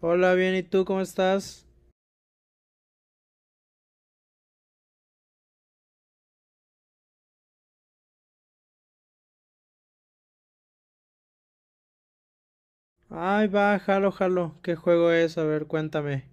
Hola, bien, ¿y tú cómo estás? Ay, va, jalo, jalo. ¿Qué juego es? A ver, cuéntame.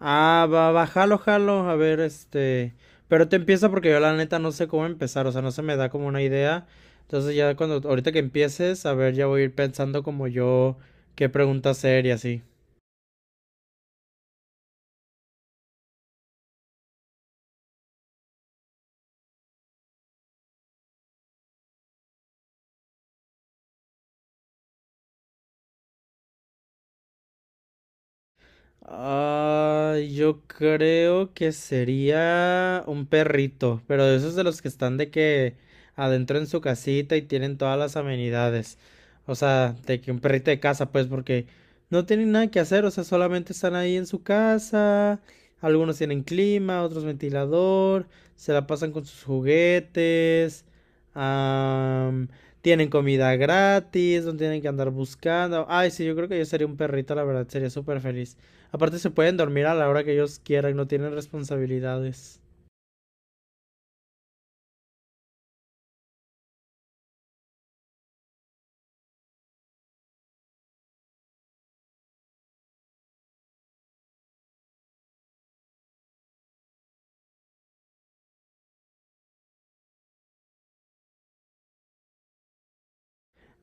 Ah, va, va, jalo, jalo. A ver, este. Pero te empieza porque yo la neta no sé cómo empezar, o sea, no se me da como una idea. Entonces ya cuando, ahorita que empieces, a ver, ya voy a ir pensando como yo qué pregunta hacer y así. Ah, yo creo que sería un perrito, pero de esos de los que están de que adentro en su casita y tienen todas las amenidades. O sea, de que un perrito de casa, pues, porque no tienen nada que hacer, o sea, solamente están ahí en su casa. Algunos tienen clima, otros ventilador, se la pasan con sus juguetes, am, tienen comida gratis, no tienen que andar buscando. Ay, sí, yo creo que yo sería un perrito, la verdad, sería súper feliz. Aparte se pueden dormir a la hora que ellos quieran, no tienen responsabilidades.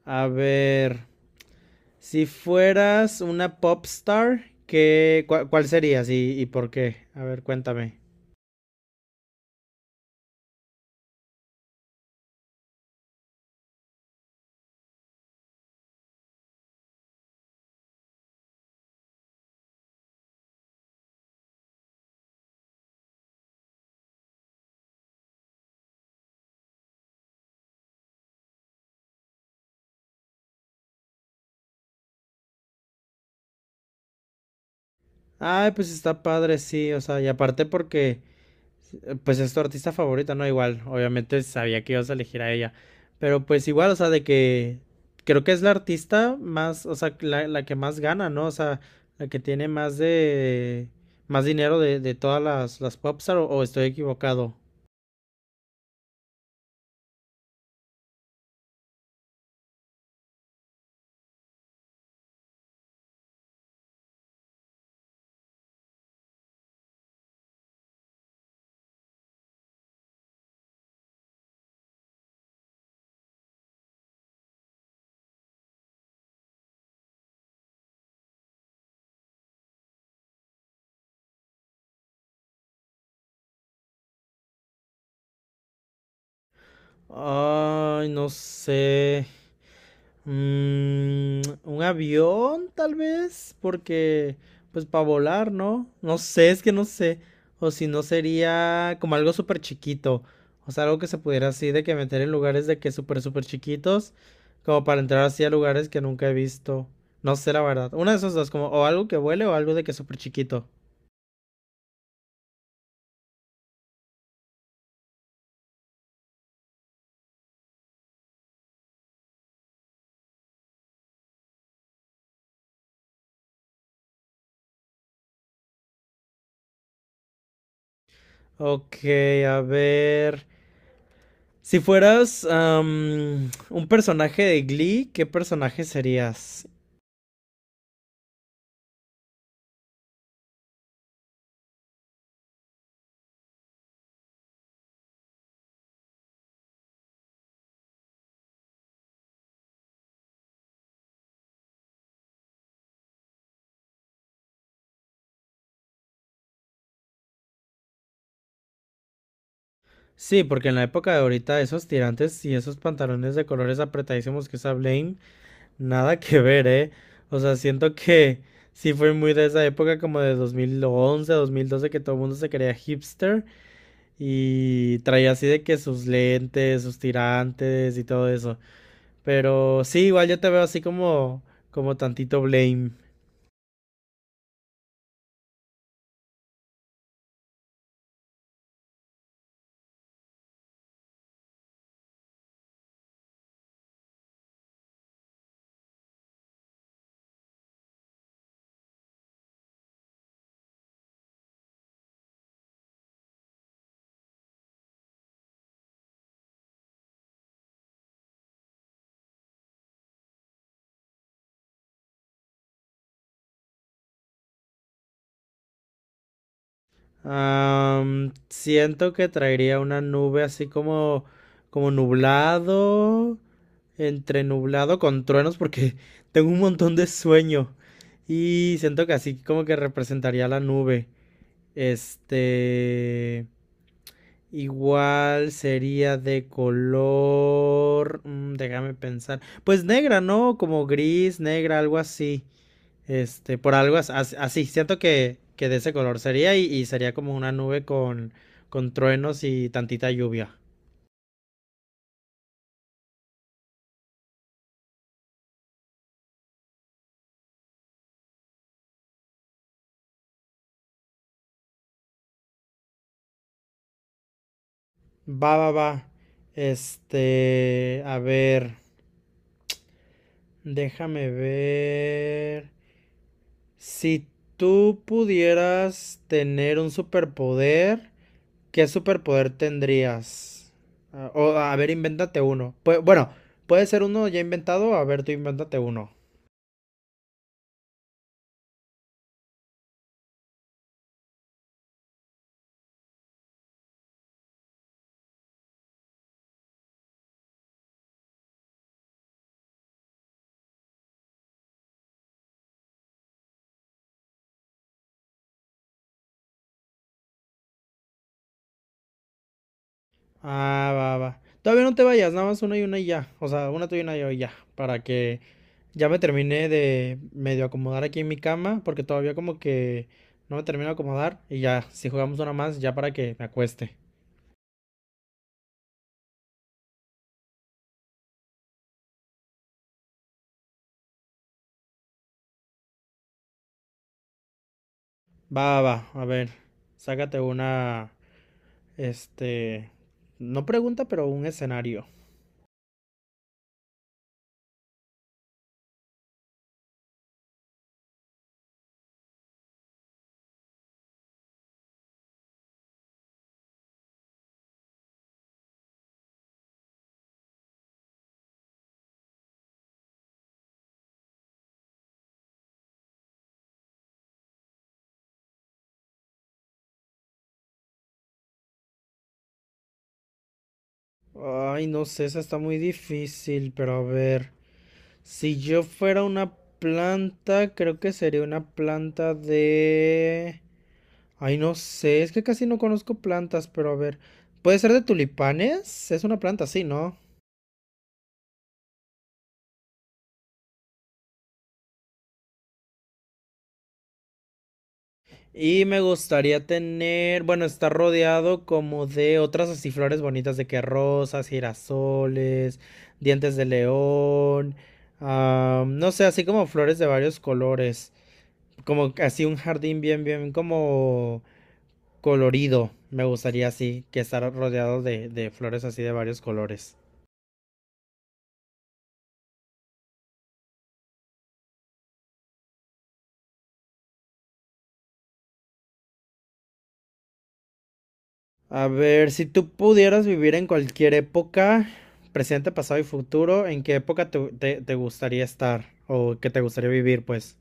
A ver, si fueras una pop star, ¿cuál serías y por qué? A ver, cuéntame. Ay, pues está padre, sí, o sea, y aparte porque pues es tu artista favorita, ¿no? Igual, obviamente sabía que ibas a elegir a ella. Pero pues igual, o sea, de que creo que es la artista más, o sea, la que más gana, ¿no? O sea, la que tiene más dinero de todas las popstar, o estoy equivocado. Ay, no sé. Mm, un avión, tal vez, porque, pues para volar, ¿no? No sé, es que no sé. O si no sería como algo súper chiquito. O sea, algo que se pudiera así de que meter en lugares de que súper chiquitos. Como para entrar así a lugares que nunca he visto. No sé, la verdad. Una de esas dos, como o algo que vuele o algo de que es súper chiquito. Ok, a ver. Si fueras un personaje de Glee, ¿qué personaje serías? Sí, porque en la época de ahorita esos tirantes y esos pantalones de colores apretadísimos que usa Blame, nada que ver, ¿eh? O sea, siento que sí fue muy de esa época como de 2011, 2012, que todo el mundo se creía hipster y traía así de que sus lentes, sus tirantes y todo eso. Pero sí, igual yo te veo así como tantito Blame. Am, siento que traería una nube así como nublado entre nublado con truenos porque tengo un montón de sueño y siento que así como que representaría la nube. Este, igual sería de color, mm, déjame pensar, pues negra, ¿no? Como gris, negra, algo así. Este, por algo así, siento que de ese color sería, y sería como una nube con truenos y tantita lluvia. Va, va, va. Este, a ver. Déjame ver. Si tú pudieras tener un superpoder, ¿qué superpoder tendrías? Ah, o, a ver, invéntate uno. Bueno, puede ser uno ya inventado. A ver, tú invéntate uno. Ah, va, va. Todavía no te vayas, nada más una y ya. O sea, una tú y una yo y ya. Para que ya me termine de medio acomodar aquí en mi cama, porque todavía como que no me termino de acomodar. Y ya, si jugamos una más, ya para que me acueste. Va, va, a ver, sácate una, este, no pregunta, pero un escenario. Ay, no sé, esa está muy difícil, pero a ver, si yo fuera una planta, creo que sería una planta de... Ay, no sé, es que casi no conozco plantas, pero a ver, ¿puede ser de tulipanes? Es una planta, sí, ¿no? Y me gustaría tener, bueno, estar rodeado como de otras así flores bonitas de que rosas, girasoles, dientes de león, ah, no sé, así como flores de varios colores, como así un jardín bien como colorido, me gustaría así, que estar rodeado de flores así de varios colores. A ver, si tú pudieras vivir en cualquier época, presente, pasado y futuro, ¿en qué época te gustaría estar o que te gustaría vivir, pues?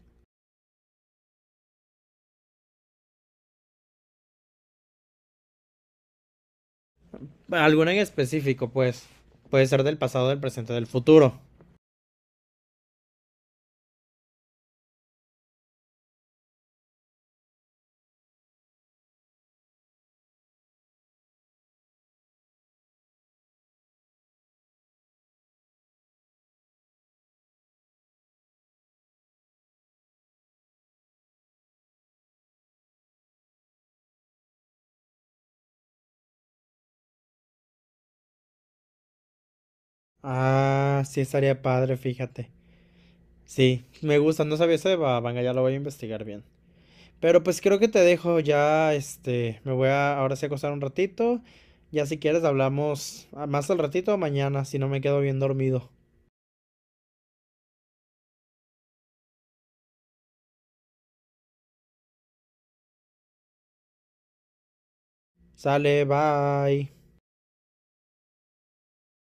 Alguna en específico, pues. Puede ser del pasado, del presente, del futuro. Ah, sí estaría padre, fíjate. Sí, me gusta, no sabía eso de Bababanga, ya lo voy a investigar bien. Pero pues creo que te dejo ya, este, me voy a ahora sí a acostar un ratito. Ya si quieres hablamos ah, más al ratito o mañana, si no me quedo bien dormido. Sale, bye.